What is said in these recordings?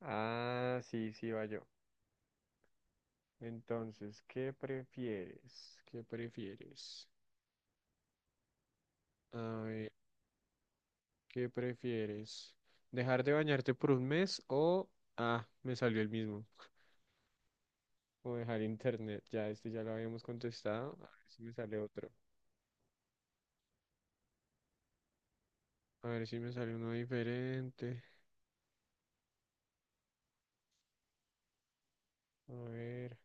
Ah, sí, sí, va yo. Entonces, ¿qué prefieres? ¿Qué prefieres? A ver, ¿qué prefieres? ¿Dejar de bañarte por un mes o... Ah, me salió el mismo. O dejar internet. Ya, este ya lo habíamos contestado. A ver si me sale otro. A ver si me sale uno diferente. A ver.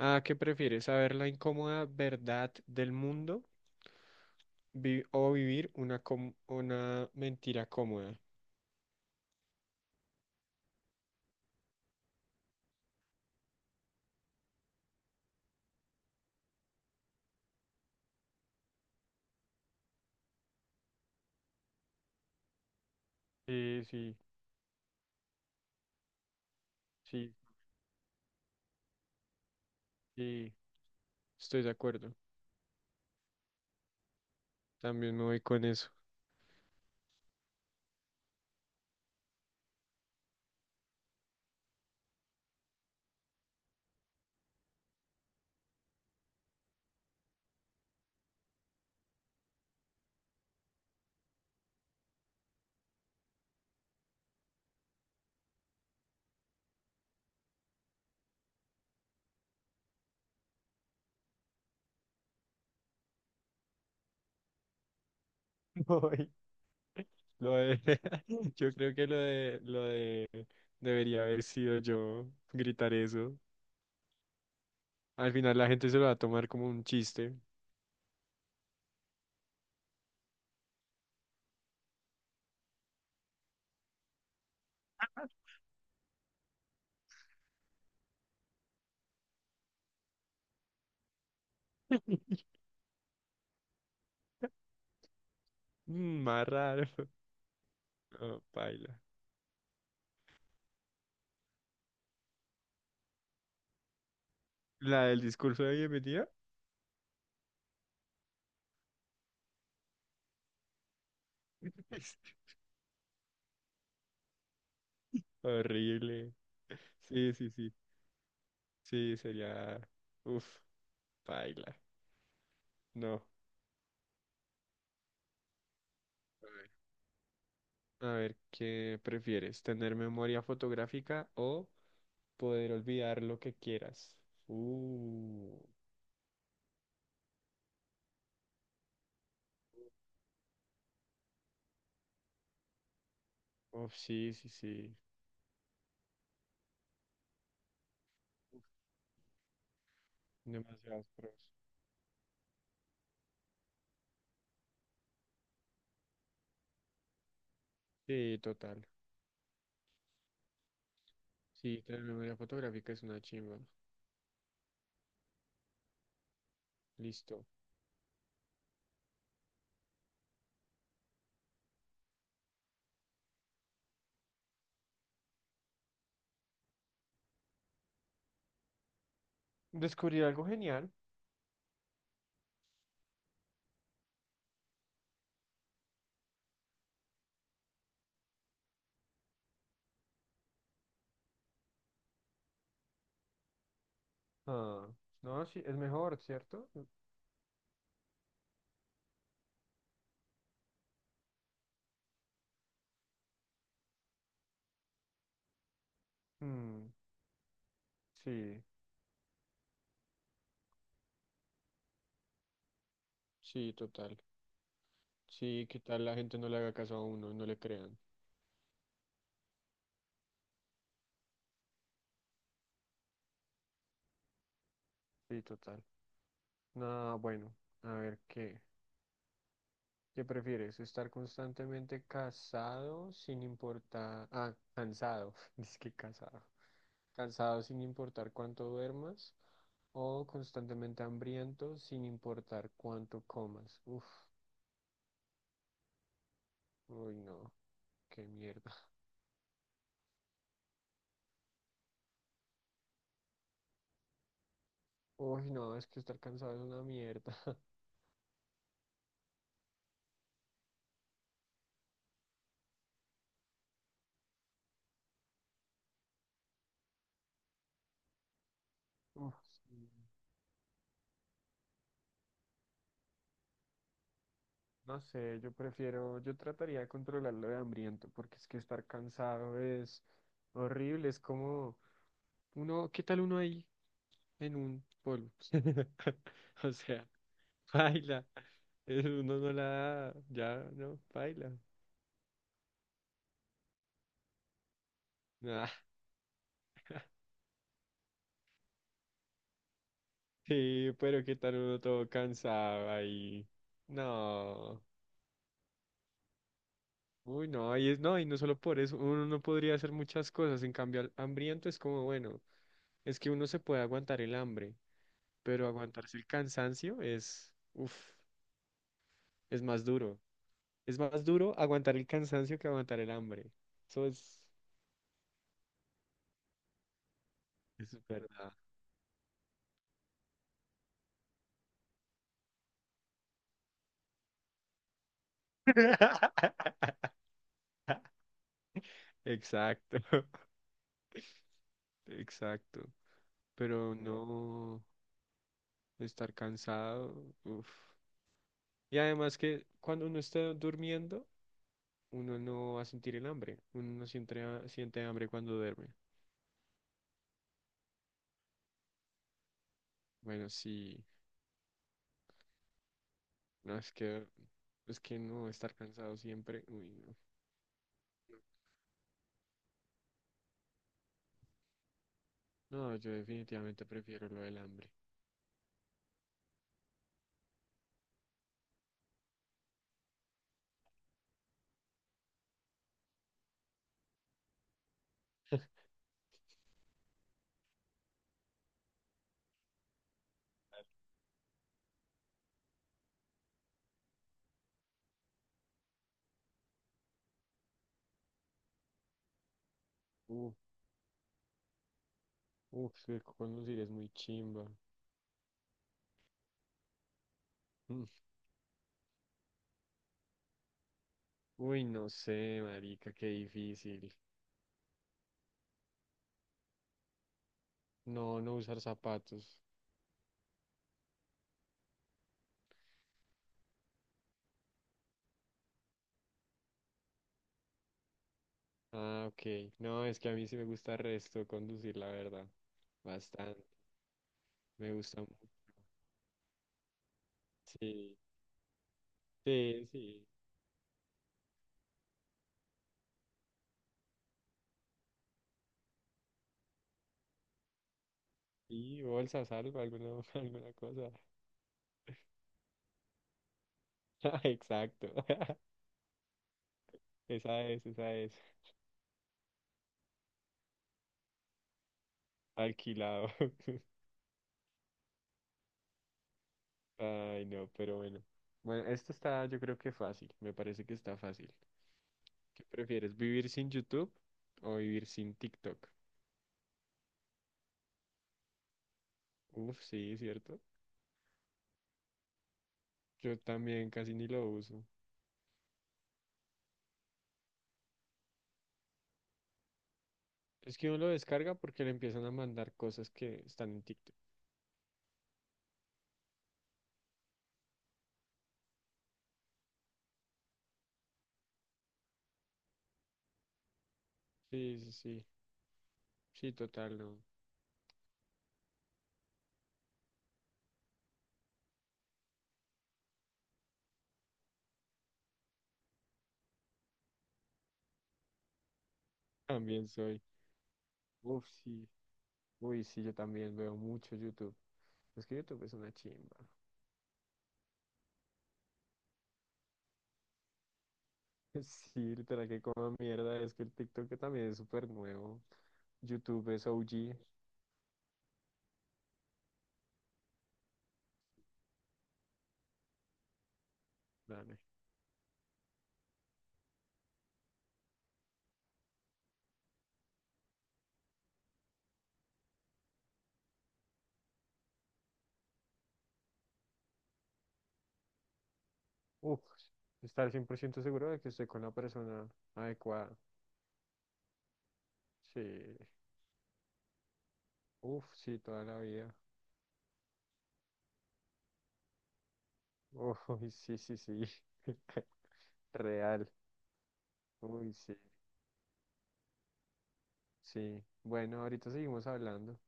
Ah, ¿qué prefieres? ¿Saber la incómoda verdad del mundo o vivir una, una mentira cómoda? Sí, sí, sí, sí. Estoy de acuerdo. También me voy con eso. Voy. Lo de, yo creo que lo de debería haber sido yo gritar eso. Al final la gente se lo va a tomar como un chiste. Mm, más raro. Oh, paila. La del discurso de bienvenida. es horrible. Sí, sí, sí. Sí, sería. Uf, paila. No. A ver. A ver, ¿qué prefieres? ¿Tener memoria fotográfica o poder olvidar lo que quieras? Uh. Uf, sí, sí, sí. Demasiados pros. Sí, total. Sí, que la memoria fotográfica es una chimba. Listo. Descubrí algo genial. Ah, no, sí, es mejor, ¿cierto? Mm, sí, sí, total. Sí, ¿qué tal la gente no le haga caso a uno, no le crean? Sí, total. No, bueno, a ver qué. ¿Qué prefieres? ¿Estar constantemente casado sin importar... Ah, cansado. Dice que casado. Cansado sin importar cuánto duermas o constantemente hambriento sin importar cuánto comas. Uf, uy no, qué mierda. Uy no, es que estar cansado es una mierda. Uf, sí. No sé, yo prefiero, yo trataría de controlar lo de hambriento porque es que estar cansado es horrible, es como uno, ¿qué tal uno ahí? En un polvo. O sea, baila. Uno no la da, ya no, baila. Ah, sí, pero qué tal uno todo cansado ahí. No. Uy, no, y es, no, y no solo por eso, uno no podría hacer muchas cosas. En cambio, al hambriento es como, bueno, es que uno se puede aguantar el hambre, pero aguantarse el cansancio es, uff, es más duro. Es más duro aguantar el cansancio que aguantar el hambre. Eso es, eso es verdad. Exacto. Exacto, pero no estar cansado, uf. Y además que cuando uno esté durmiendo, uno no va a sentir el hambre, uno no siente, siente hambre cuando duerme. Bueno, sí, no, es que no estar cansado siempre, uy, no. No, yo definitivamente prefiero lo del hambre. Uh, uf, es que conducir es muy chimba. Mm. Uy, no sé, marica, qué difícil. No, no usar zapatos. Ah, ok. No, es que a mí sí me gusta el resto conducir, la verdad. Bastante. Me gusta mucho. Sí, sí, sí. Y bolsas, algo, alguna, alguna cosa. Ah, exacto. Esa es, esa es. Alquilado. Ay, no, pero bueno. Bueno, esto está, yo creo que fácil. Me parece que está fácil. ¿Qué prefieres, vivir sin YouTube o vivir sin TikTok? Uf, sí, cierto. Yo también casi ni lo uso. Es que uno lo descarga porque le empiezan a mandar cosas que están en TikTok. Sí, sí, sí. Sí, total, no. También soy. Uf, sí. Uy, sí, yo también veo mucho YouTube. Es que YouTube es una chimba. Sí, literal, que como mierda. Es que el TikTok que también es súper nuevo. YouTube es OG. Dale. Uf, estar 100% seguro de que estoy con la persona adecuada. Sí. Uf, sí, toda la vida. Uy, sí, sí, sí. Real. Uy, sí. Sí, bueno, ahorita seguimos hablando.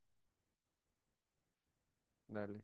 Dale.